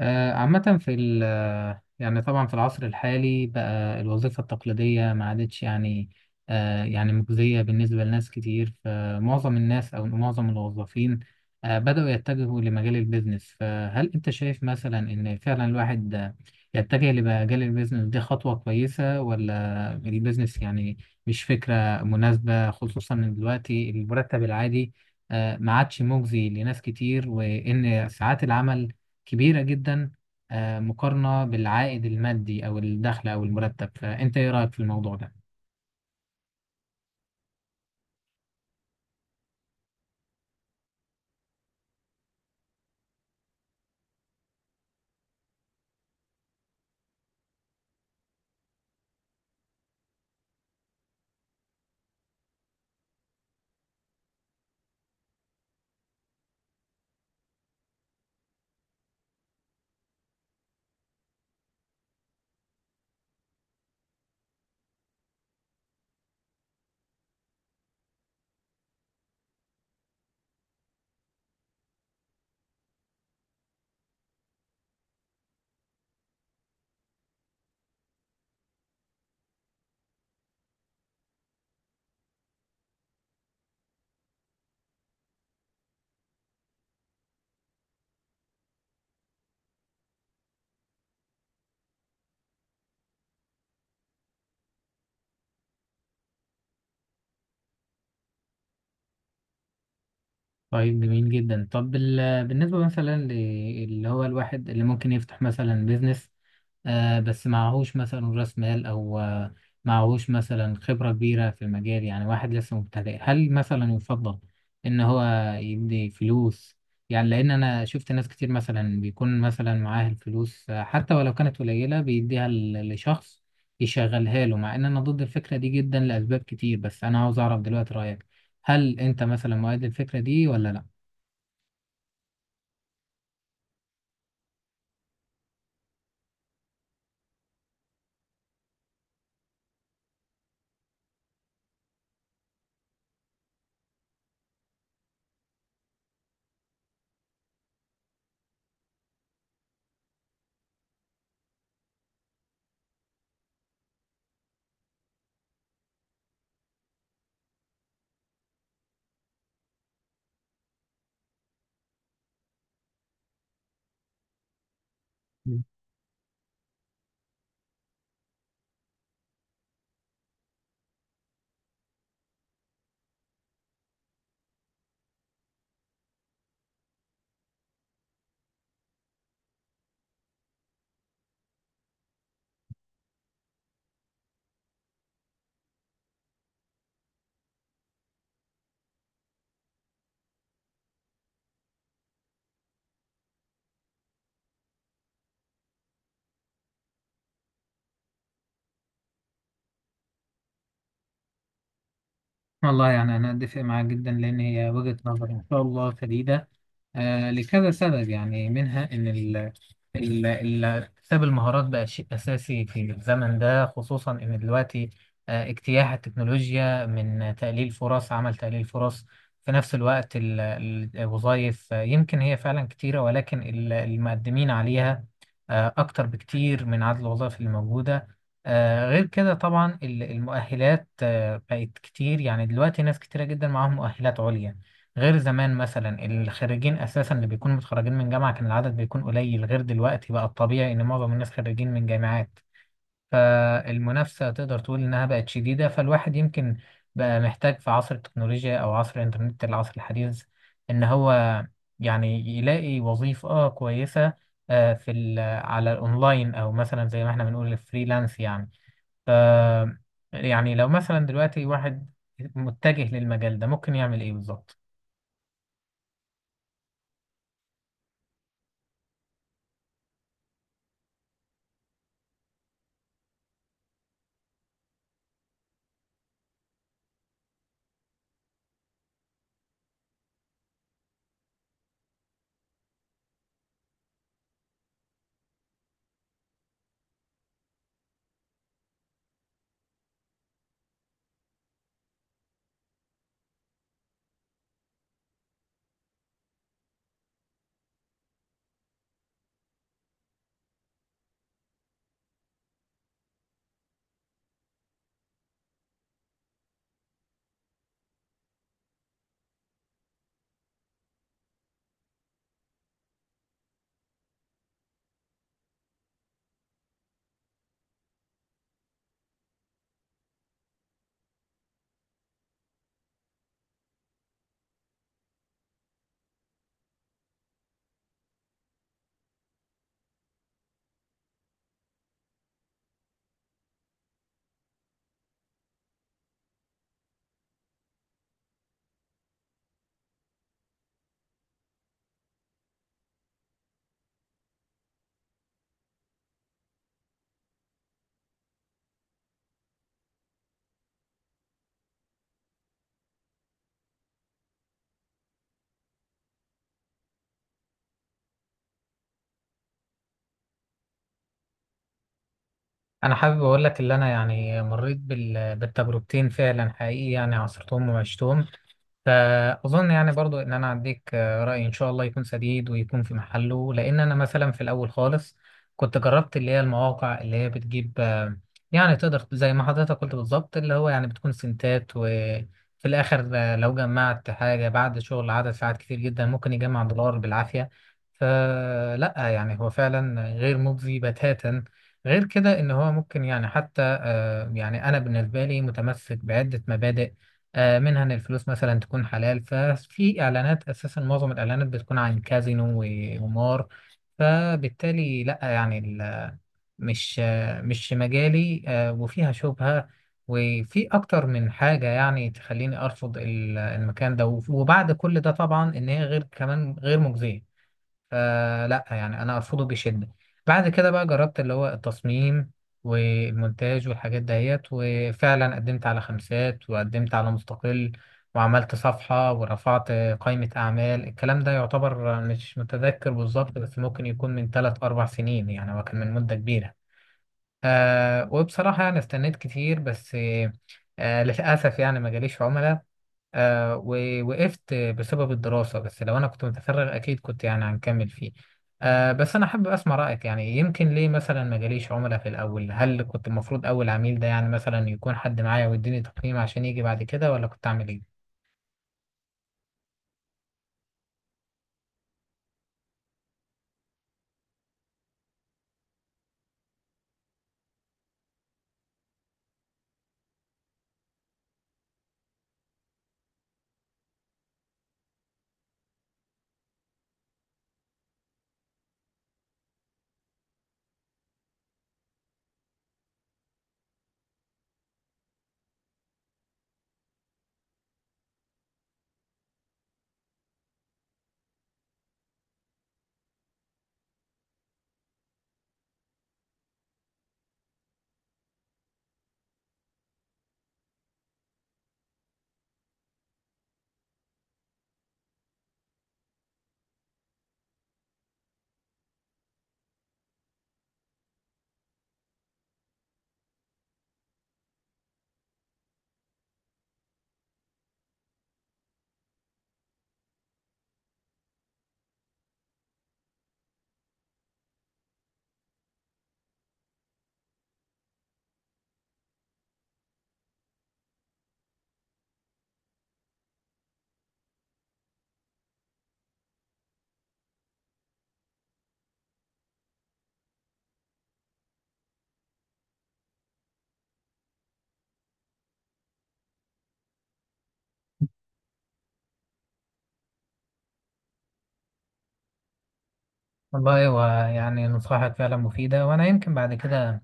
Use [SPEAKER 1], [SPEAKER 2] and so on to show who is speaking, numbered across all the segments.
[SPEAKER 1] عامة في ال آه، يعني طبعا في العصر الحالي بقى الوظيفة التقليدية ما عادتش يعني. يعني مجزية بالنسبة لناس كتير، فمعظم الناس أو معظم الوظيفين بدأوا يتجهوا لمجال البيزنس. فهل أنت شايف مثلا إن فعلا الواحد يتجه لمجال البيزنس دي خطوة كويسة، ولا البيزنس يعني مش فكرة مناسبة، خصوصا إن دلوقتي المرتب العادي ما عادش مجزي لناس كتير، وإن ساعات العمل كبيرة جدا مقارنة بالعائد المادي أو الدخل أو المرتب. فأنت إيه رأيك في الموضوع ده؟ طيب، جميل جدا. طب بالنسبة مثلا اللي هو الواحد اللي ممكن يفتح مثلا بيزنس، آه بس معهوش مثلا راس مال او آه معهوش مثلا خبرة كبيرة في المجال، يعني واحد لسه مبتدئ. هل مثلا يفضل ان هو يدي فلوس؟ يعني لان انا شفت ناس كتير مثلا بيكون مثلا معاه الفلوس حتى ولو كانت قليلة بيديها لشخص يشغلها له، مع ان انا ضد الفكرة دي جدا لاسباب كتير. بس انا عاوز اعرف دلوقتي رأيك، هل انت مثلا مؤيد للفكرة دي ولا لا؟ والله، يعني أنا أتفق معاك جدا، لأن هي وجهة نظر إن شاء الله سديدة لكذا سبب. يعني منها إن اكتساب المهارات بقى شيء أساسي في الزمن ده، خصوصا إن دلوقتي اجتياح التكنولوجيا من تقليل فرص عمل تقليل فرص. في نفس الوقت الوظائف يمكن هي فعلا كتيرة، ولكن المقدمين عليها أكتر بكتير من عدد الوظائف اللي موجودة. غير كده طبعا المؤهلات بقت كتير، يعني دلوقتي ناس كتيرة جدا معاهم مؤهلات عليا، غير زمان مثلا الخريجين اساسا اللي بيكونوا متخرجين من جامعه كان العدد بيكون قليل، غير دلوقتي بقى الطبيعي ان معظم الناس خريجين من جامعات. فالمنافسه تقدر تقول انها بقت شديده، فالواحد يمكن بقى محتاج في عصر التكنولوجيا او عصر الانترنت، العصر الحديث، ان هو يعني يلاقي وظيفه آه كويسه آه في ال- على الاونلاين، او مثلا زي ما احنا بنقول الفريلانس يعني. ف يعني لو مثلا دلوقتي واحد متجه للمجال ده ممكن يعمل ايه بالظبط؟ انا حابب اقول لك اللي انا يعني مريت بالتجربتين فعلا حقيقي، يعني عاصرتهم وعشتهم. فأظن يعني برضو إن أنا أديك رأي إن شاء الله يكون سديد ويكون في محله. لأن أنا مثلا في الأول خالص كنت جربت اللي هي المواقع اللي هي بتجيب يعني تقدر زي ما حضرتك قلت بالظبط اللي هو يعني بتكون سنتات، وفي الآخر لو جمعت حاجة بعد شغل عدد ساعات كتير جدا ممكن يجمع دولار بالعافية. فلا، يعني هو فعلا غير مجزي بتاتا. غير كده إن هو ممكن يعني حتى يعني أنا بالنسبة لي متمسك بعدة مبادئ، منها ان الفلوس مثلا تكون حلال. ففي اعلانات اساسا معظم الاعلانات بتكون عن كازينو وقمار، فبالتالي لا، يعني مش مش مجالي وفيها شبهة، وفي اكتر من حاجة يعني تخليني ارفض المكان ده. وبعد كل ده طبعا ان هي غير كمان غير مجزية، فلا يعني انا ارفضه بشده. بعد كده بقى جربت اللي هو التصميم والمونتاج والحاجات دهيت، وفعلا قدمت على خمسات وقدمت على مستقل، وعملت صفحة ورفعت قائمة أعمال. الكلام ده يعتبر مش متذكر بالظبط، بس ممكن يكون من 3 أو 4 سنين، يعني هو كان من مدة كبيرة. آه، وبصراحة يعني استنيت كتير، بس آه للأسف يعني ما جاليش عملاء. آه، ووقفت بسبب الدراسة، بس لو أنا كنت متفرغ أكيد كنت يعني هنكمل فيه. آه، بس أنا حابب أسمع رأيك، يعني يمكن ليه مثلا ما جاليش عملاء في الأول؟ هل كنت المفروض أول عميل ده يعني مثلا يكون حد معايا ويديني تقييم عشان يجي بعد كده، ولا كنت أعمل إيه؟ والله، هو يعني نصائحك فعلا مفيدة، وأنا يمكن بعد كده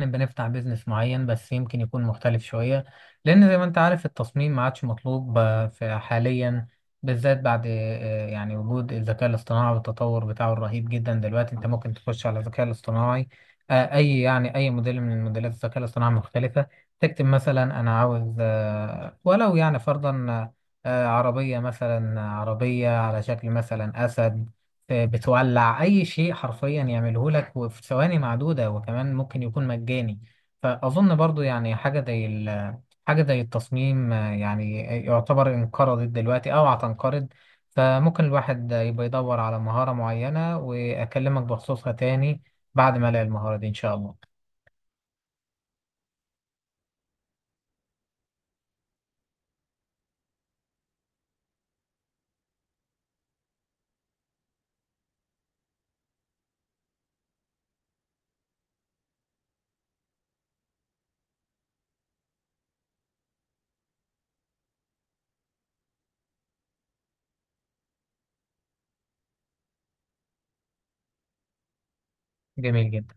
[SPEAKER 1] نبقى نفتح بيزنس معين، بس يمكن يكون مختلف شوية، لأن زي ما أنت عارف التصميم ما عادش مطلوب في حاليا، بالذات بعد يعني وجود الذكاء الاصطناعي والتطور بتاعه الرهيب جدا. دلوقتي أنت ممكن تخش على الذكاء الاصطناعي أي يعني أي موديل من موديلات الذكاء الاصطناعي مختلفة، تكتب مثلا أنا عاوز ولو يعني فرضا عربية، مثلا عربية على شكل مثلا أسد بتولع اي شيء حرفيا يعمله لك وفي ثواني معدوده، وكمان ممكن يكون مجاني. فاظن برضو يعني حاجه زي التصميم يعني يعتبر انقرضت دلوقتي او هتنقرض. فممكن الواحد يبقى يدور على مهاره معينه واكلمك بخصوصها تاني بعد ما الاقي المهاره دي ان شاء الله. جميل جدا.